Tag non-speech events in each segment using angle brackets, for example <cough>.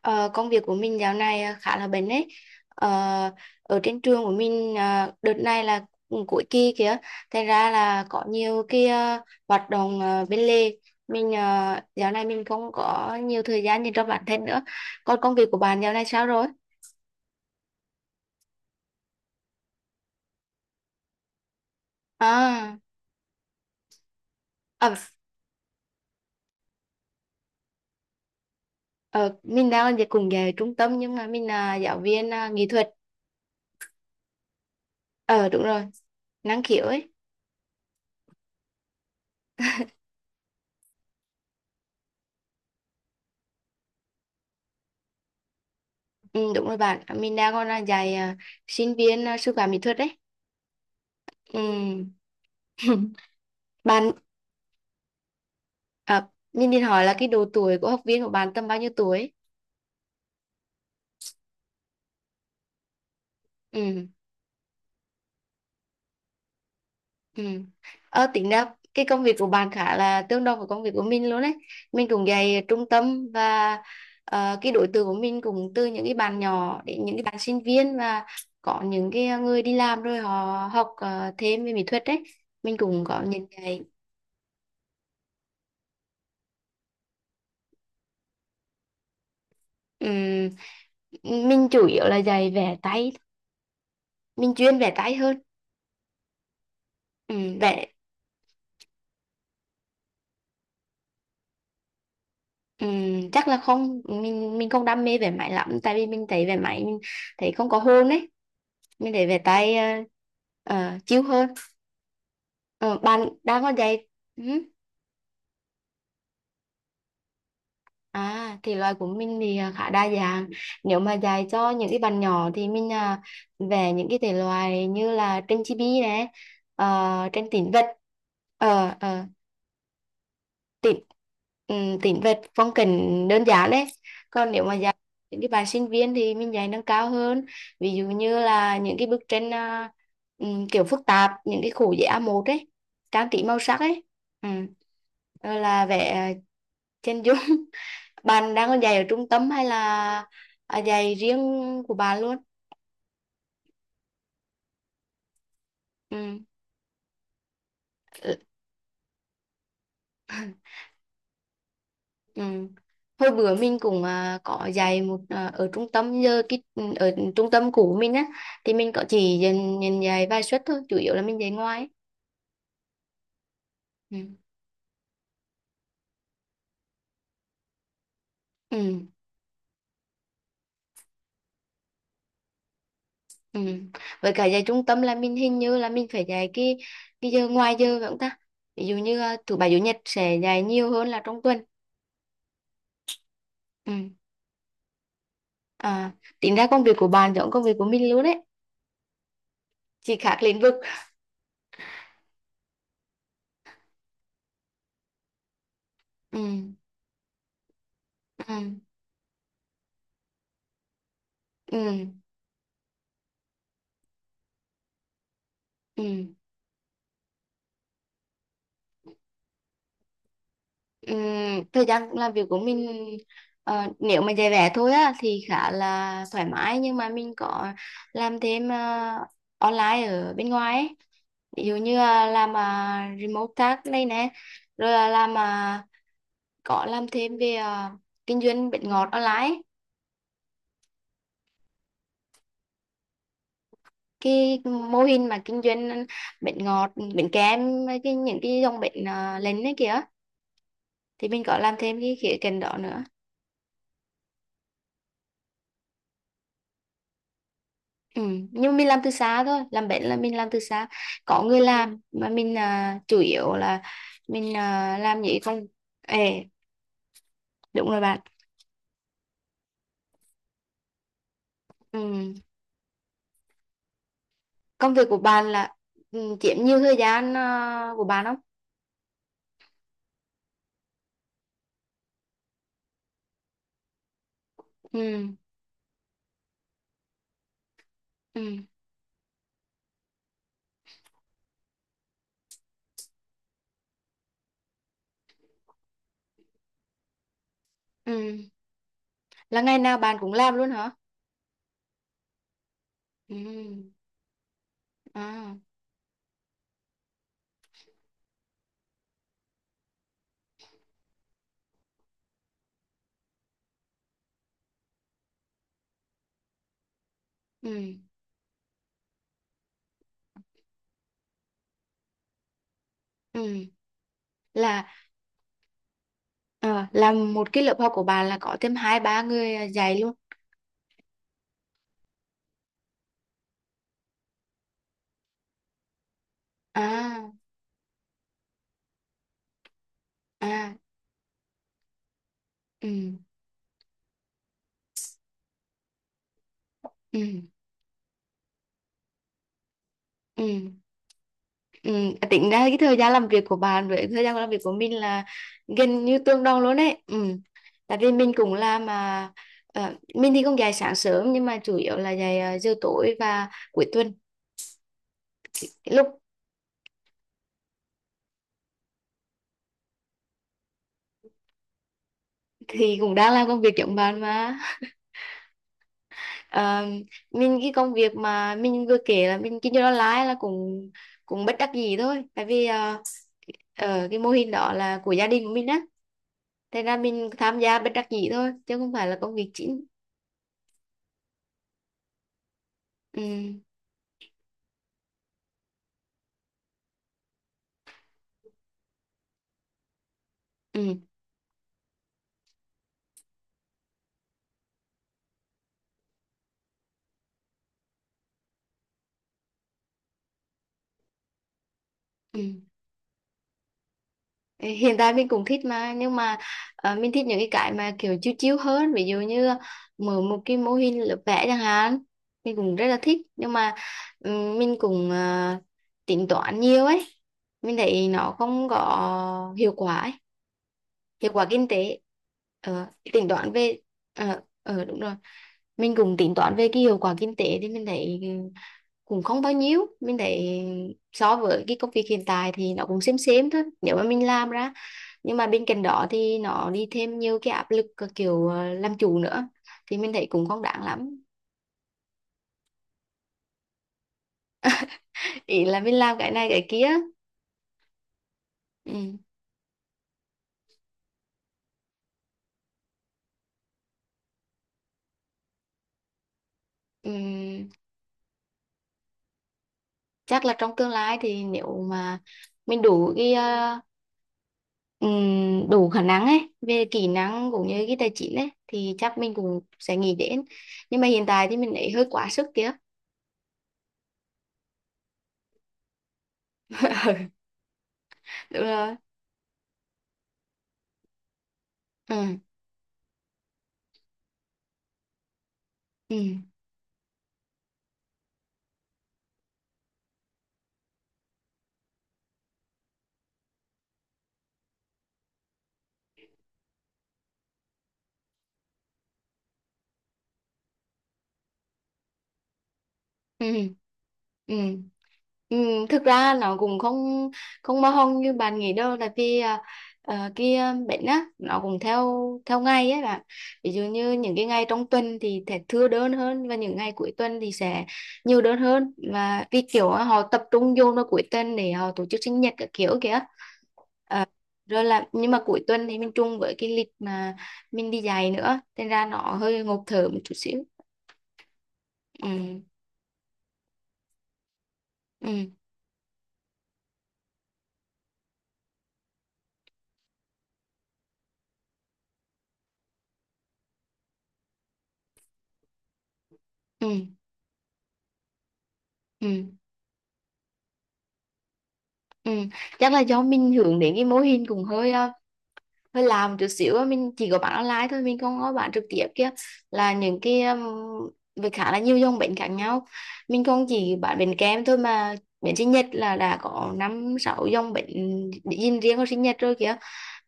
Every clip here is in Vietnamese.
Ờ, công việc của mình dạo này khá là bận ấy. Ờ, ở trên trường của mình đợt này là cũng cuối kỳ kìa, thành ra là có nhiều cái hoạt động bên lề. Dạo này mình không có nhiều thời gian dành cho bản thân nữa. Còn công việc của bạn dạo này sao rồi? À, ờ, ờ, mình đang về trung tâm nhưng mà mình là giáo viên nghệ thuật. Ờ đúng rồi, năng khiếu ấy. Ừ, đúng rồi bạn, mình đang còn là dạy sinh viên sư phạm mỹ thuật đấy. Ừ. <laughs> Bạn. À, mình định hỏi là cái độ tuổi của học viên của bạn tầm bao nhiêu tuổi? Ừ, ừ. Ờ, tính ra cái công việc của bạn khá là tương đồng với công việc của mình luôn đấy. Mình cũng dạy trung tâm và cái đối tượng của mình cũng từ những cái bạn nhỏ đến những cái bạn sinh viên, và có những cái người đi làm rồi họ học thêm về mỹ thuật đấy. Mình cũng có những cái ừm, mình chủ yếu là dạy vẽ tay, mình chuyên vẽ tay hơn. Ừ, vẽ. Chắc là không, mình không đam mê về máy lắm, tại vì mình thấy về máy mình thấy không có hồn ấy, mình thấy về tay uh, chiêu hơn. Ờ, bạn đang có dạy. Ừ. À thì loại của mình thì khá đa dạng. Nếu mà dạy cho những cái bạn nhỏ thì mình về những cái thể loại như là tranh chibi này, tranh tĩnh vật. Ờ, ờ. Tính tính về phong cảnh đơn giản đấy. Còn nếu mà dạy những cái bạn sinh viên thì mình dạy nâng cao hơn, ví dụ như là những cái bức tranh kiểu phức tạp, những cái khổ giấy A1 ấy, trang trí màu sắc ấy, ừ. Rồi là vẽ chân dung. <laughs> Bạn đang còn dạy ở trung tâm hay là à, dạy riêng của bạn luôn? Ừ. Ừ. Hồi bữa mình cũng à, có dạy một à, ở trung tâm, giờ cái ừ, ở trung tâm cũ mình á thì mình có chỉ dành dạy vài suất thôi, chủ yếu là mình dạy ngoài. Ừ. Ừ. Ừ. Với cả dạy trung tâm là mình hình như là mình phải dạy cái giờ ngoài giờ phải không ta, ví dụ như à, thứ bảy chủ nhật sẽ dạy nhiều hơn là trong tuần. Ừ. À, tính ra công việc của bạn giống công việc của mình luôn đấy, chỉ khác lĩnh vực. Ừ. Ừ. Ừ. Ừ. Ừm, thời gian làm việc của mình nếu mà dạy vẽ thôi á thì khá là thoải mái, nhưng mà mình có làm thêm online ở bên ngoài ấy. Ví dụ như là làm remote task đây nè, rồi là làm có làm thêm về kinh doanh bánh ngọt online ấy. Cái mô hình mà kinh doanh bánh ngọt, bánh kem, cái những cái dòng bánh lành ấy kìa, thì mình có làm thêm cái khía cạnh đó nữa. Ừ, nhưng mình làm từ xa thôi, làm bánh là mình làm từ xa, có người làm, mà mình à, chủ yếu là mình à, làm những công. Ê, đúng rồi bạn. Ừ. Công việc của bạn là ừ, chiếm nhiều thời gian à, của bạn không? Ừ. Ừ. Ừ. Là ngày nào bạn cũng làm luôn hả? Ừ. À. Ừ. Ừ. Là ờ, làm một cái lớp học của bạn là có thêm hai ba người à, dạy luôn? À. À. Ừ. Ừ. Ừ. Ừ, tính ra cái thời gian làm việc của bạn với thời gian làm việc của mình là gần như tương đương luôn đấy. Ừ. Tại vì mình cũng làm mà mình thì không dạy sáng sớm, nhưng mà chủ yếu là dạy giờ tối và cuối tuần. Cái lúc thì cũng đang làm công việc giống bạn mà. <laughs> Ờ, mình cái công việc mà mình vừa kể là mình kinh doanh online là cũng cũng bất đắc dĩ thôi. Tại vì cái mô hình đó là của gia đình của mình á. Thế ra mình tham gia bất đắc dĩ thôi, chứ không phải là công việc chính. Ừ. Ừ. Ừ. Hiện tại mình cũng thích mà, nhưng mà mình thích những cái mà kiểu chiếu chiếu hơn, ví dụ như mở một cái mô hình lớp vẽ chẳng hạn, mình cũng rất là thích. Nhưng mà mình cũng tính toán nhiều ấy, mình thấy nó không có hiệu quả ấy. Hiệu quả kinh tế. Ờ, tính toán về. Đúng rồi, mình cũng tính toán về cái hiệu quả kinh tế thì mình thấy cũng không bao nhiêu, mình thấy so với cái công việc hiện tại thì nó cũng xem thôi nếu mà mình làm ra. Nhưng mà bên cạnh đó thì nó đi thêm nhiều cái áp lực, cái kiểu làm chủ nữa, thì mình thấy cũng không đáng lắm. Ý là mình làm cái này cái kia. Ừ. Ừ. Chắc là trong tương lai thì nếu mà mình đủ cái đủ khả năng ấy về kỹ năng cũng như cái tài chính ấy, thì chắc mình cũng sẽ nghĩ đến. Nhưng mà hiện tại thì mình ấy hơi quá sức kia. <laughs> Đúng rồi. Ừ. Ừ. Ừ. Ừ. Ừ, thực ra nó cũng không không bao hông như bạn nghĩ đâu, tại vì à, cái à, bệnh á nó cũng theo theo ngày ấy bạn. Ví dụ như những cái ngày trong tuần thì sẽ thưa đơn hơn, và những ngày cuối tuần thì sẽ nhiều đơn hơn, và vì kiểu á, họ tập trung vô vào cuối tuần để họ tổ chức sinh nhật các kiểu kìa. Ờ, rồi là nhưng mà cuối tuần thì mình chung với cái lịch mà mình đi dạy nữa, nên ra nó hơi ngộp thở một chút xíu. Ừ. Ừ. Ừ. Ừ. Ừ, chắc là do mình hướng đến cái mô hình cũng hơi hơi làm chút xíu á. Mình chỉ có bán online thôi, mình không có bán trực tiếp kia, là những cái với khá là nhiều dòng bánh khác nhau, mình không chỉ bán bánh kem thôi mà bánh sinh nhật là đã có năm sáu dòng bánh dinh riêng của sinh nhật rồi kìa.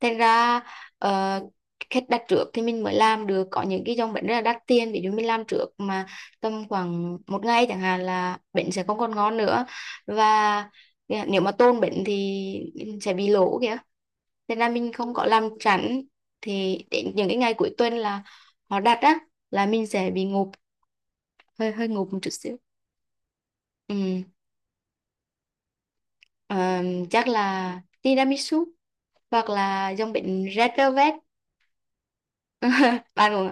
Thành ra ờ, khách đặt trước thì mình mới làm được, có những cái dòng bánh rất là đắt tiền ví dụ mình làm trước mà tầm khoảng một ngày chẳng hạn là bánh sẽ không còn ngon nữa, và nếu mà tôn bánh thì sẽ bị lỗ kìa. Nên là mình không có làm chắn, thì đến những cái ngày cuối tuần là họ đặt á, là mình sẽ bị ngộp, hơi hơi ngộp một chút xíu. Ừ. Ờ, chắc là tiramisu hoặc là dòng bánh red velvet. <laughs> Bạn cũng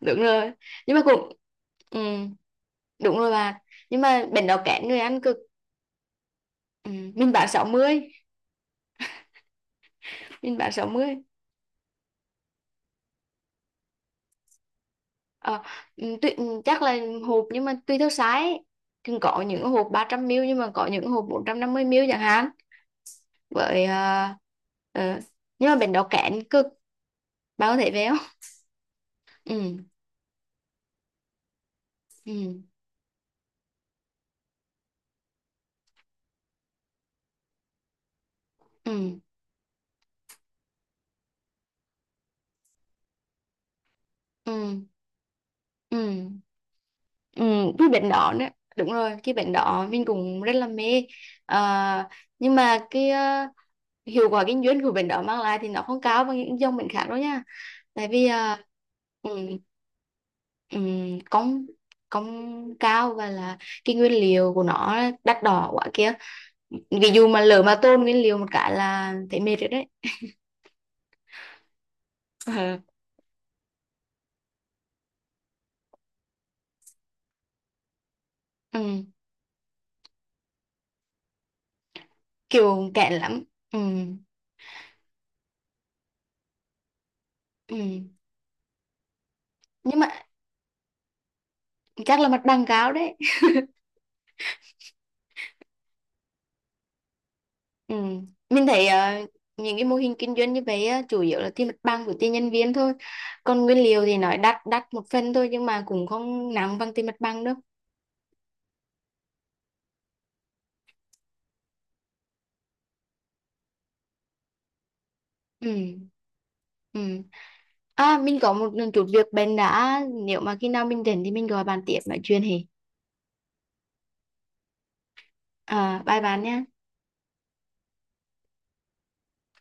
đúng rồi. Nhưng mà cũng ừ, đúng rồi bà. Nhưng mà bệnh đó kén người ăn cực. Ừ, mình bán sáu mươi, mình bán 60. ờ, chắc là hộp, nhưng mà tùy theo size thì có những hộp 300ml, nhưng mà có những hộp 450ml chẳng hạn. Với ờ, nhưng mà bệnh đó kén cực. Bà có thể về không? <laughs> Ừ. Ừ. Ừ. Ừ. Ừ. Ừ, cái bệnh đỏ nữa. Đúng rồi, cái bệnh đỏ mình cũng rất là mê. À, nhưng mà cái hiệu quả kinh doanh của bệnh đỏ mang lại thì nó không cao bằng những dòng bệnh khác đâu nha. Tại vì um, công công cao, và là cái nguyên liệu của nó đắt đỏ quá kia. Ví dụ mà lỡ mà tôn nguyên liệu một cái là thấy mệt rồi đấy. <laughs> Ờ, ừ, kiểu kẹt lắm. Ừ, ừ. Nhưng mà chắc là mặt bằng cao đấy. Ừ. Mình thấy những cái mô hình kinh doanh như vậy á, chủ yếu là tiền mặt bằng của tiền nhân viên thôi. Còn nguyên liệu thì nói đắt đắt một phần thôi, nhưng mà cũng không nặng bằng tiền mặt bằng đâu. Ừ. Ừ. À mình có một chút việc bên đã, nếu mà khi nào mình rảnh thì mình gọi bạn tiếp nói chuyện thì. À bye bạn nhé.